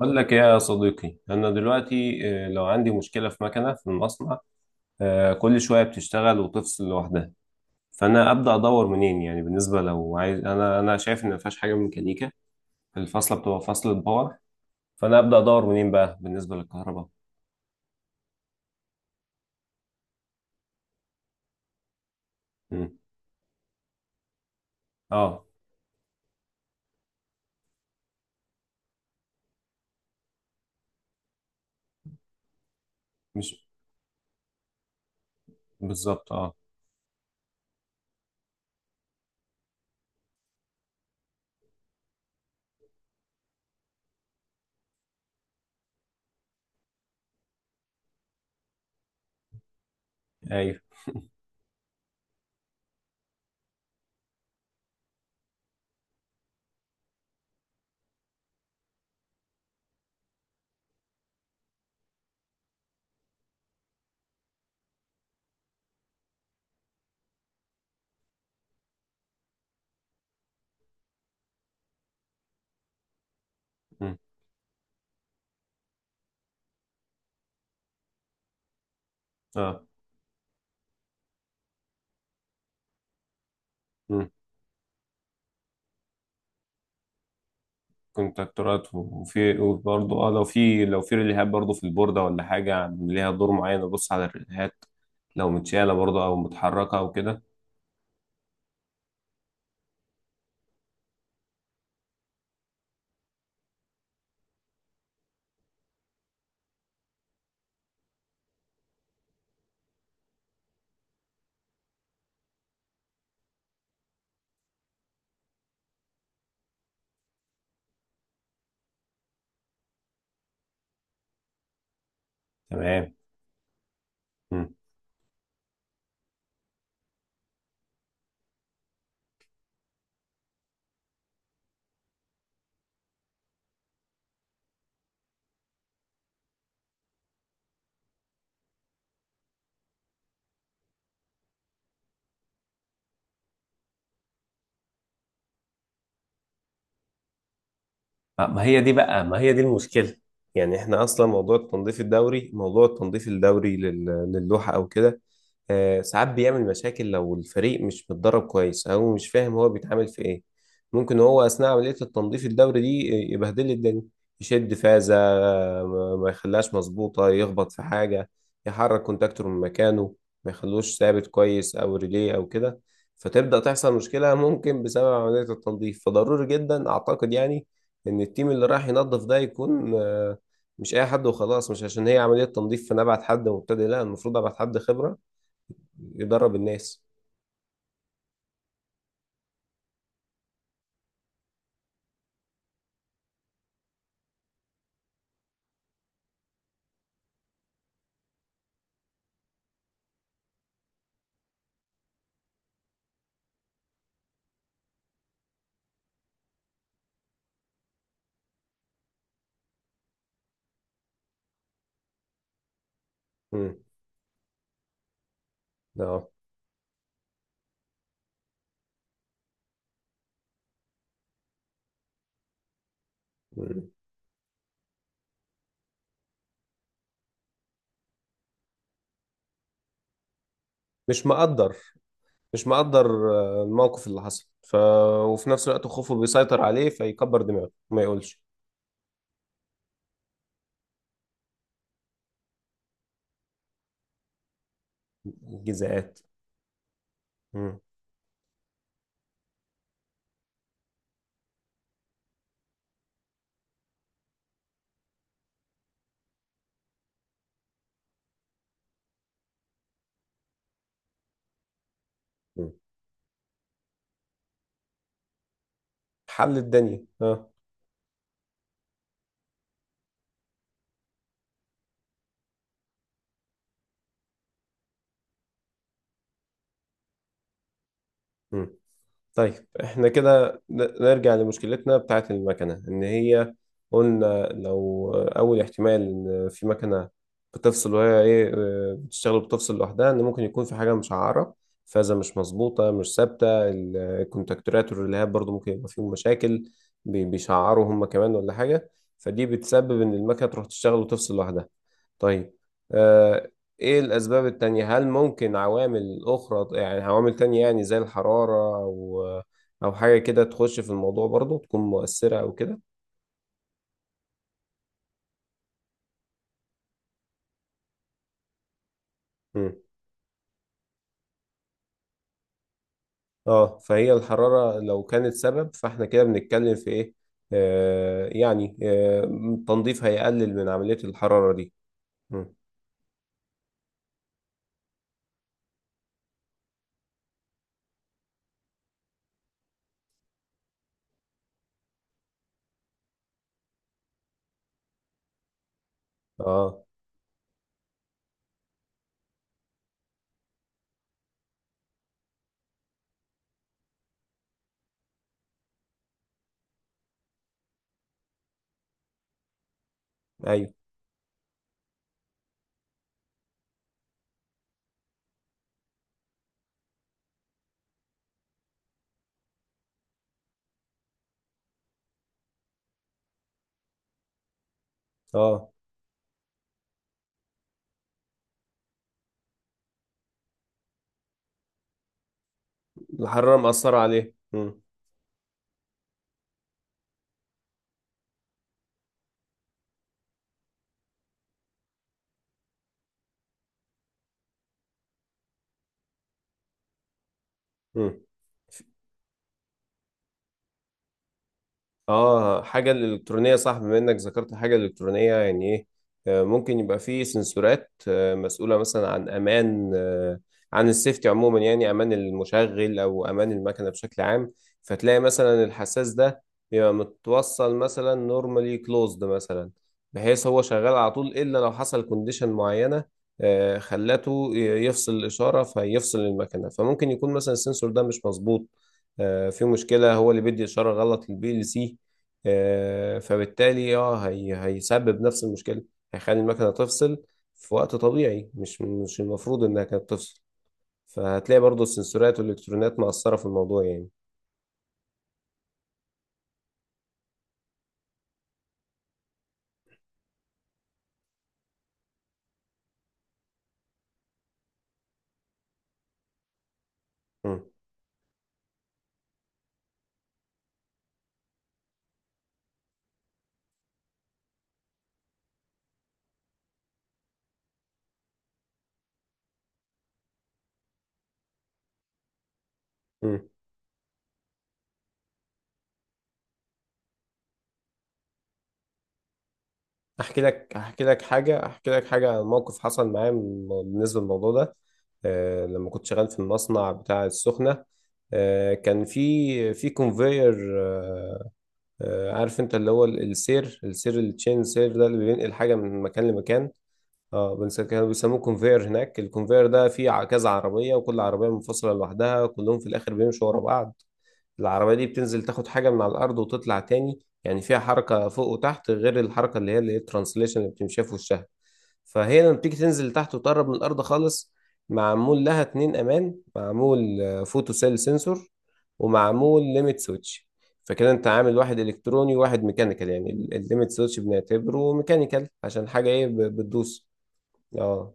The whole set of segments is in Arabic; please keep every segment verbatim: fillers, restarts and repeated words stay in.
أقول لك إيه يا صديقي، أنا دلوقتي آه، لو عندي مشكلة في مكنة في المصنع. آه، كل شوية بتشتغل وتفصل لوحدها. فأنا أبدأ أدور منين؟ يعني بالنسبة، لو عايز، أنا أنا شايف إن مفيهاش حاجة ميكانيكا. الفاصلة بتبقى فاصلة باور. فأنا أبدأ أدور منين بقى بالنسبة للكهرباء؟ مم. أه. مش. بالظبط أه. أيوه. مم. اه. مم. كونتراكتورات، وفي وبرضه اه لو في لو في ريليهات برضه في البوردة ولا حاجة عن- ليها دور معين، ابص على الريليهات، لو متشالة برضه او متحركة او كده. تمام. آه، ما هي دي بقى ما هي دي المشكلة. يعني احنا اصلا، موضوع التنظيف الدوري، موضوع التنظيف الدوري لل- للوحة او كده. آه، ساعات بيعمل مشاكل لو الفريق مش متدرب كويس او مش فاهم هو بيتعامل في ايه. ممكن هو اثناء عملية التنظيف الدوري دي يبهدل لي الدنيا، يشد فازة، ما ما يخليهاش مظبوطة، يخبط في حاجة، يحرك كونتاكتور من مكانه، ما يخلوش ثابت كويس، او ريليه او كده. فتبدأ تحصل مشكلة ممكن بسبب عملية التنظيف. فضروري جدا اعتقد، يعني ان التيم اللي رايح ينظف ده يكون آه، مش اي حد وخلاص. مش عشان هي عملية تنظيف فانا ابعت حد مبتدئ، لا المفروض ابعت حد خبرة يدرب الناس. امم. اه. مم. مش مقدر. مش مقدر. آه، الموقف اللي حصل ف... وفي نفس الوقت خوفه بيسيطر عليه، فيكبر دماغه ما يقولش. جزاءات. مم. مم. حل الدنيا، اه. طيب، احنا كده ن- نرجع لمشكلتنا بتاعت المكنة ان هي، قلنا لو اول احتمال ان في مكنة بتفصل وهي ايه، اه، بتشتغل وبتفصل لوحدها، ان ممكن يكون في حاجة مشعرة، فازة مش مظبوطة مش ثابتة، ال- الكونتاكتورات والريلهات برضو ممكن يبقى فيهم مشاكل، بي- بيشعروا هم كمان ولا حاجة، فدي بتسبب ان المكنة تروح تشتغل وتفصل لوحدها. طيب. آه، ايه الاسباب التانية؟ هل ممكن عوامل اخرى، يعني عوامل تانية، يعني زي الحرارة، او او حاجة كده تخش في الموضوع برضو تكون مؤثرة او كده؟ مم. اه، فهي الحرارة لو كانت سبب، فاحنا كده بنتكلم في ايه؟ آه يعني آه التنظيف هيقلل من عملية الحرارة دي. مم. اه. ايوه. اه الحرارة مأثرة عليه. مم. مم. اه، حاجة الإلكترونية، صح. بما إنك ذكرت حاجة إلكترونية، يعني إيه؟ آه، ممكن يبقى في سنسورات آه، مسؤولة مثلا عن أمان، آه، عن السيفتي عموما، يعني أمان المشغل أو أمان المكنة بشكل عام. فتلاقي مثلا الحساس ده بيبقى متوصل مثلا نورمالي كلوزد مثلا، بحيث هو شغال على طول إلا لو حصل كونديشن معينة آه، خلته ي- يفصل الإشارة، فيفصل المكنة. فممكن يكون مثلا السنسور ده مش مظبوط، آه، في مشكلة، هو اللي بيدي إشارة غلط للبي ال سي. آه، فبالتالي اه هي هيسبب نفس المشكله، هيخلي المكنه تفصل في وقت طبيعي مش مش المفروض انها كانت تفصل. فهتلاقي برضو السنسورات والالكترونيات مقصره في الموضوع يعني. مم. مم. احكي لك احكي لك حاجه احكي لك حاجه عن موقف حصل معايا من- بالنسبه للموضوع ده. آه، لما كنت شغال في المصنع بتاع السخنه، آه، كان في في كونفير. آه، آه، عارف انت اللي هو ال- السير، السير التشين سير ده اللي بينقل حاجه من مكان لمكان. اه، بنس- كانوا بيسموه كونفير هناك. الكونفير ده فيه ع- كذا عربية، وكل عربية منفصلة لوحدها، كلهم في الآخر بيمشوا ورا بعض. العربية دي بتنزل تاخد حاجة من على الأرض وتطلع تاني، يعني فيها حركة فوق وتحت، غير الحركة اللي هي اللي هي الترانسليشن اللي بتمشيها في وشها. فهي لما بتيجي تنزل تحت وتقرب من الأرض خالص، معمول لها اتنين أمان، معمول فوتو سيل سensor، ومعمول ليميت سويتش. فكده انت عامل واحد الكتروني وواحد ميكانيكال. يعني الليميت سويتش بنعتبره ميكانيكال عشان حاجه ايه، ب- بتدوس. اه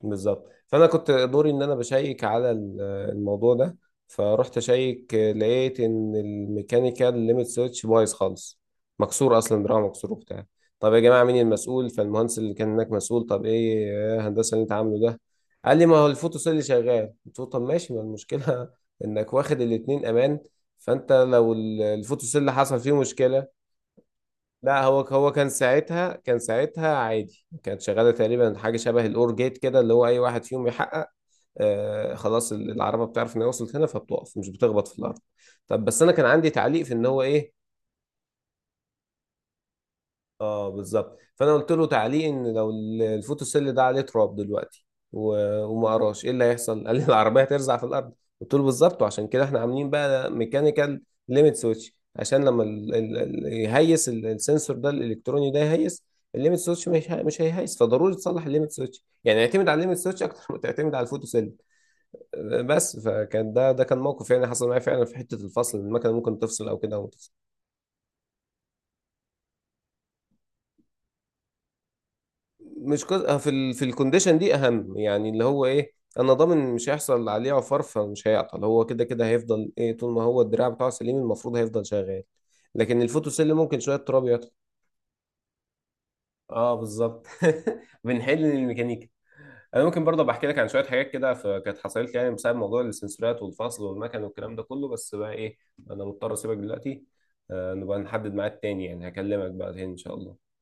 بالظبط. فانا كنت دوري ان انا بشيك على ال- الموضوع ده. فرحت اشيك، لقيت ان الميكانيكال ليميت سويتش بايظ خالص، مكسور اصلا، دراعه مكسور وبتاع. طب يا جماعه، مين المسؤول؟ فالمهندس اللي كان هناك مسؤول. طب ايه يا هندسه اللي انت عامله ده؟ قال لي ما هو الفوتو سيل اللي شغال. قلت له طب ماشي، ما المشكله انك واخد الاتنين امان. فانت لو ال- الفوتو سيل اللي حصل فيه مشكله. لا، هو هو كان ساعتها كان ساعتها عادي، كانت شغاله تقريبا حاجه شبه الاور جيت كده، اللي هو اي واحد فيهم يحقق، آه خلاص ال- العربه بتعرف ان هي وصلت هنا فبتقف، مش بتخبط في الارض. طب بس انا كان عندي تعليق في ان هو ايه؟ اه بالظبط. فانا قلت له تعليق ان لو ال- الفوتوسيل ده عليه تراب دلوقتي و- وما قراش ايه اللي هيحصل قال لي العربيه هترزع في الارض. قلت له بالظبط. وعشان كده احنا عاملين بقى ميكانيكال ليميت سويتش عشان لما ال ال ال يهيس ال- السنسور ده الالكتروني ده يهيس، الليميت سويتش مش هي- مش هيهيس. فضروري تصلح الليميت سويتش، يعني اعتمد على الليميت سويتش اكتر ما تعتمد على الفوتوسيل. آه، بس فكان ده ده كان موقف، يعني حصل معايا فعلا في حته الفصل، المكنه ممكن تفصل او كده، او مش كز... آه، في ال... في الكونديشن دي اهم، يعني اللي هو ايه، انا ضامن مش هيحصل عليه عفار فمش هيعطل، هو كده كده هيفضل ايه، طول ما هو الدراع بتاعه سليم المفروض هيفضل شغال. لكن الفوتوسيل ممكن شويه تراب يعطل. اه بالظبط. بنحل للميكانيكا. انا ممكن برضه بحكي لك عن شويه حاجات كده ف- كانت حصلت لي، يعني بسبب موضوع السنسورات والفصل والمكن والكلام ده كله، بس بقى ايه، انا مضطر اسيبك دلوقتي. آه نبقى نحدد ميعاد تاني، يعني هكلمك بقى تاني ان شاء الله.